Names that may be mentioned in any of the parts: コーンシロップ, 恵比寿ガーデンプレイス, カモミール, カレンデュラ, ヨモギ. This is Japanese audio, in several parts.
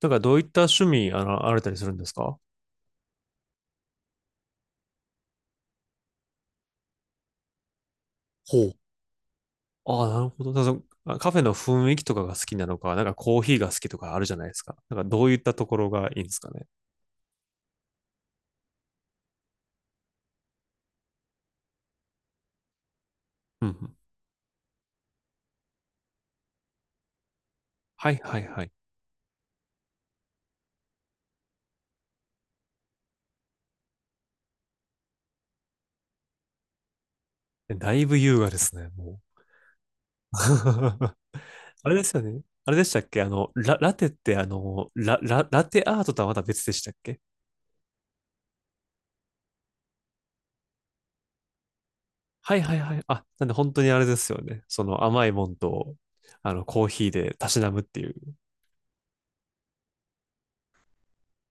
なんかどういった趣味、あられたりするんですか？ほう。ああ、なるほど。だからそのカフェの雰囲気とかが好きなのか、なんかコーヒーが好きとかあるじゃないですか。なんかどういったところがいいんですかね。うんうん。はいはいはい。え、だいぶ優雅ですね、もう。あれですよね。あれでしたっけラテってラテアートとはまた別でしたっけ？はいはいはい。あ、なんで本当にあれですよね。その甘いもんと、あの、コーヒーでたしなむっていう。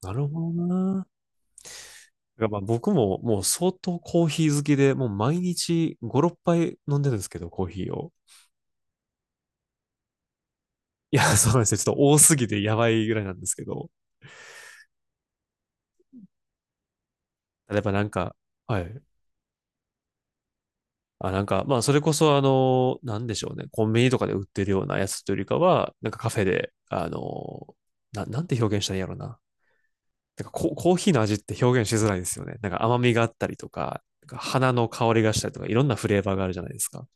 なるほどな。いや、まあ僕ももう相当コーヒー好きで、もう毎日5、6杯飲んでるんですけど、コーヒーを。いや、そうなんですよ。ちょっと多すぎてやばいぐらいなんですけど。やっぱなんか、はい。あ、なんか、まあそれこそあの、なんでしょうね。コンビニとかで売ってるようなやつというよりかは、なんかカフェで、あの、なんて表現したらいいんやろうな。なんかコーヒーの味って表現しづらいですよね。なんか甘みがあったりとか、なんか花の香りがしたりとか、いろんなフレーバーがあるじゃないですか。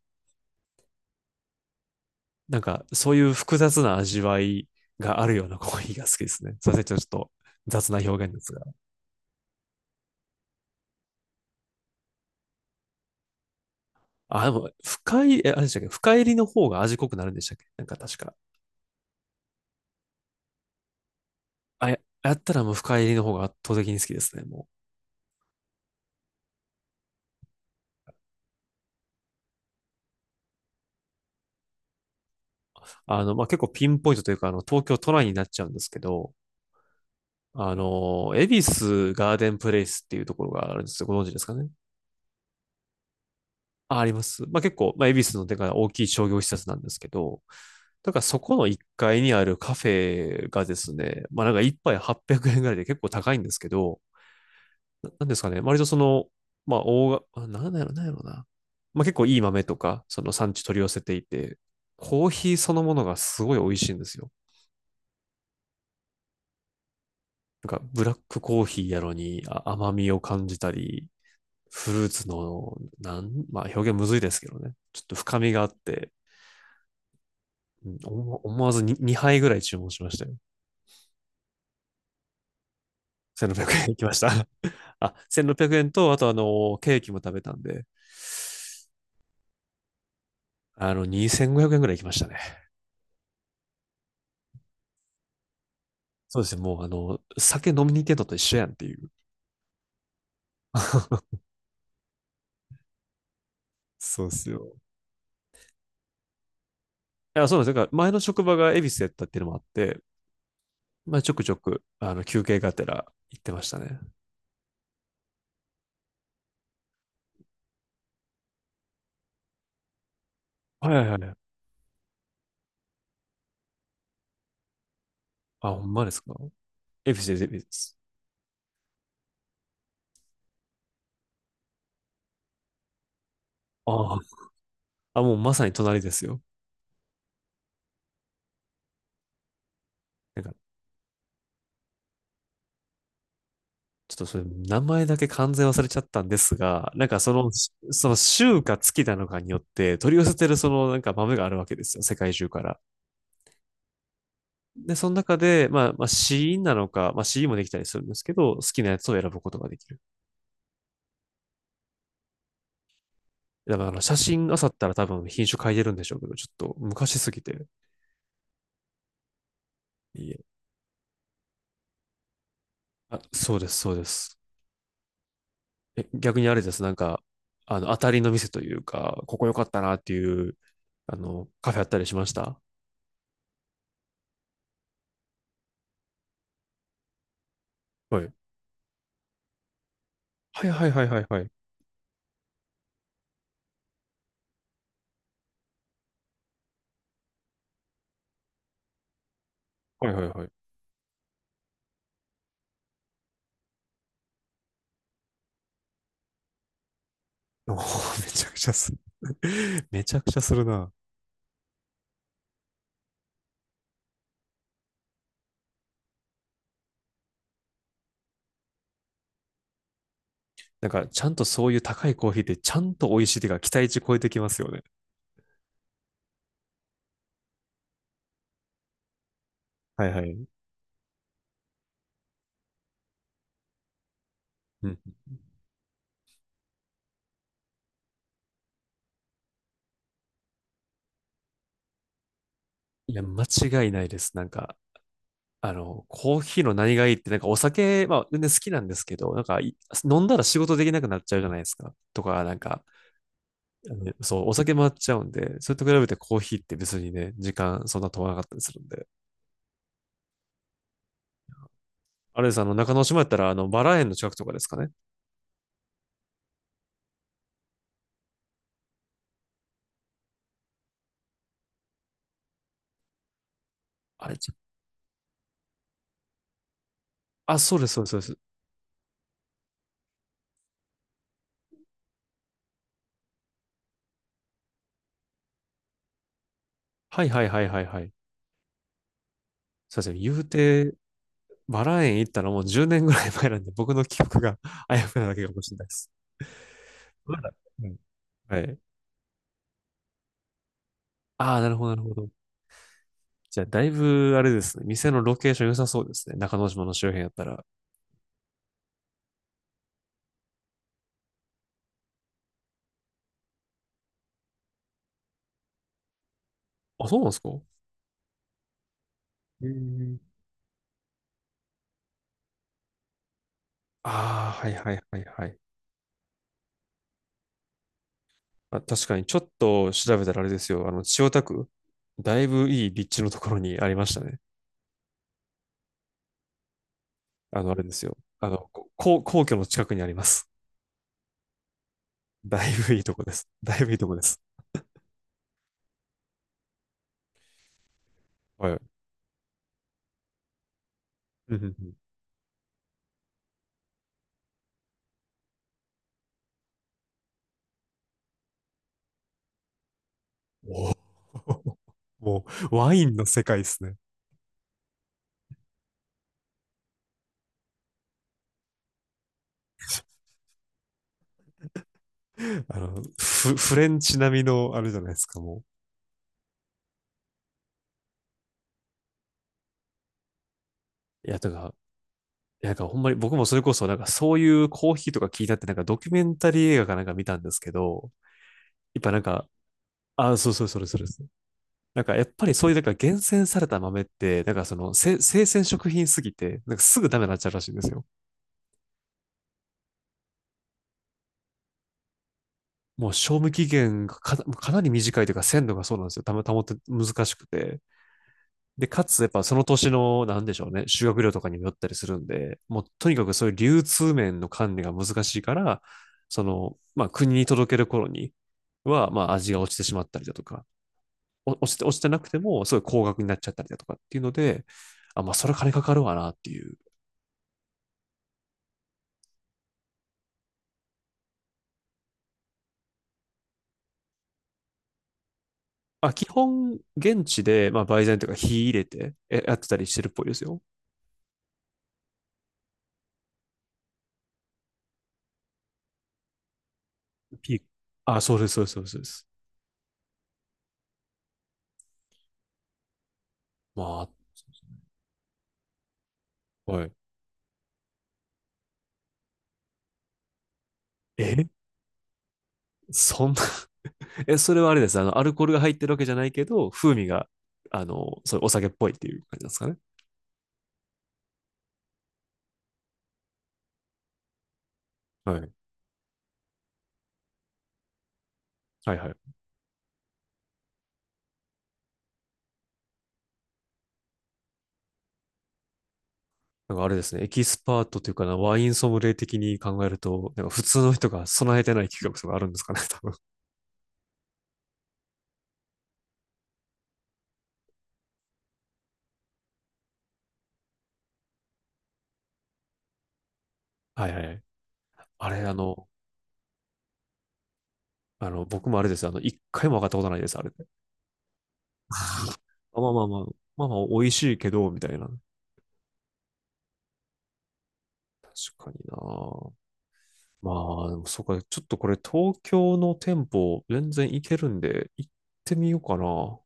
なんか、そういう複雑な味わいがあるようなコーヒーが好きですね。すいません、ちょっと雑な表現ですが。あ、でも、深い、え、あれでしたっけ、深入りの方が味濃くなるんでしたっけ、なんか確か。あ、や、やったらもう深入りの方が圧倒的に好きですね、もう。あの、まあ、結構ピンポイントというか、あの、東京都内になっちゃうんですけど、あの、恵比寿ガーデンプレイスっていうところがあるんですよ。ご存知ですかね？あ、あります。まあ、結構、まあ、恵比寿のでか大きい商業施設なんですけど、だからそこの1階にあるカフェがですね、まあなんか1杯800円ぐらいで結構高いんですけど、な、なんですかね、割とその、まあ大が、なんだろう、なんやろな。まあ結構いい豆とか、その産地取り寄せていて、コーヒーそのものがすごい美味しいんですよ。なんかブラックコーヒーやのに、あ、甘みを感じたり、フルーツの、なん、まあ表現むずいですけどね。ちょっと深みがあって、うん、思わずに2杯ぐらい注文しましたよ。1600円いきました。あ、1600円と、あとあの、ケーキも食べたんで、あの、2500円ぐらい行きましたね。そうですね、もうあの、酒飲みに行ってんのと一緒やんっていう。そうですよ。いや、そうなんですよ。か、前の職場が恵比寿やったっていうのもあって、まあ、ちょくちょく、あの、休憩がてら行ってましたね。はいはいはい。あ、ほんまですか？恵比寿です、恵比寿です。ああ、あ、もうまさに隣ですよ。なんか、ちょっとそれ、名前だけ完全忘れちゃったんですが、なんかその、その週か月なのかによって、取り寄せてるそのなんか豆があるわけですよ、世界中から。で、その中で、まあ、まあ、シーンなのか、まあ、シーンもできたりするんですけど、好きなやつを選ぶことができる。だからあの、写真あさったら多分品種変えてるんでしょうけど、ちょっと昔すぎて。いいえ。あ、そうです、そうです。え、逆にあれです、なんか、あの、当たりの店というか、ここ良かったなっていう、あの、カフェあったりしました？はい。はいはいはいはいはい。はいはいはい。おー、めちゃくちゃする。めちゃくちゃするな。なんか、ちゃんとそういう高いコーヒーって、ちゃんと美味しいっていうか、期待値超えてきますよね。はいはい。うん。いや、間違いないです。なんか、あの、コーヒーの何がいいって、なんかお酒、まあ、全然好きなんですけど、なんか、い、飲んだら仕事できなくなっちゃうじゃないですか。とか、なんか、あのそう、お酒回っちゃうんで、それと比べてコーヒーって別にね、時間そんな飛ばなかったりするんで。あれです、あの、中之島やったら、あの、バラ園の近くとかですかね。あれ、ちあ、そうです、そうです、そうです。はいはいはいはいはい。そうですね。言うて、バラ園行ったらもう10年ぐらい前なんで、僕の記憶が あやふやなだけかもしれないです。まだ、うん、はい。ああ、なるほど、なるほど。じゃあ、だいぶ、あれですね。店のロケーション良さそうですね。中之島の周辺やったら。あ、そうなんですか？えー、ああ、はいはいはいはい。あ、確かに、ちょっと調べたらあれですよ。あの、千代田区、だいぶいい立地のところにありましたね。あの、あれですよ。あの、皇居の近くにあります。だいぶいいとこです。だいぶいいとこです。はい。うんうんうん。おー。 もう、ワインの世界ですね。あの、フレンチ並みの、あれじゃないですか、も、いや、とか、いや、なんかほんまに僕もそれこそ、なんかそういうコーヒーとか聞いたって、なんかドキュメンタリー映画かなんか見たんですけど、やっぱなんか、あ、そうそう、それそれそれ。なんかやっぱりそういうなんか厳選された豆って、なんかその生鮮食品すぎて、なんかすぐダメになっちゃうらしいんですよ。もう賞味期限がかなり短いというか鮮度が、そうなんですよ。たま、保って難しくて。で、かつ、やっぱその年の、なんでしょうね、修学料とかにもよったりするんで、もうとにかくそういう流通面の管理が難しいから、その、まあ国に届ける頃には、まあ味が落ちてしまったりだとか、お落ちて、落ちてなくても、すごい高額になっちゃったりだとかっていうので、あ、まあそれ金かかるわなっていう。あ、基本、現地で、まあ売材とか火入れてえやってたりしてるっぽいですよ。ピーク。あ、そうです、そうです、そうです。そうです。まあ、はい。え、そんな、え、それはあれです。あの、アルコールが入ってるわけじゃないけど、風味が、あの、そういうお酒っぽいっていう感じなんですかね。はい。はいはい。なんかあれですね。エキスパートというかな、ワインソムリエ的に考えると、なんか普通の人が備えてない企画とかあるんですかね、多分。はいはいはい。あれ、あの、あの、僕もあれです。あの、一回も上がったことないです、あれで。あ、まあまあまあ、まあまあ、美味しいけど、みたいな。確かにな。まあ、でもそうか、ちょっとこれ東京の店舗全然行けるんで、行ってみようかな。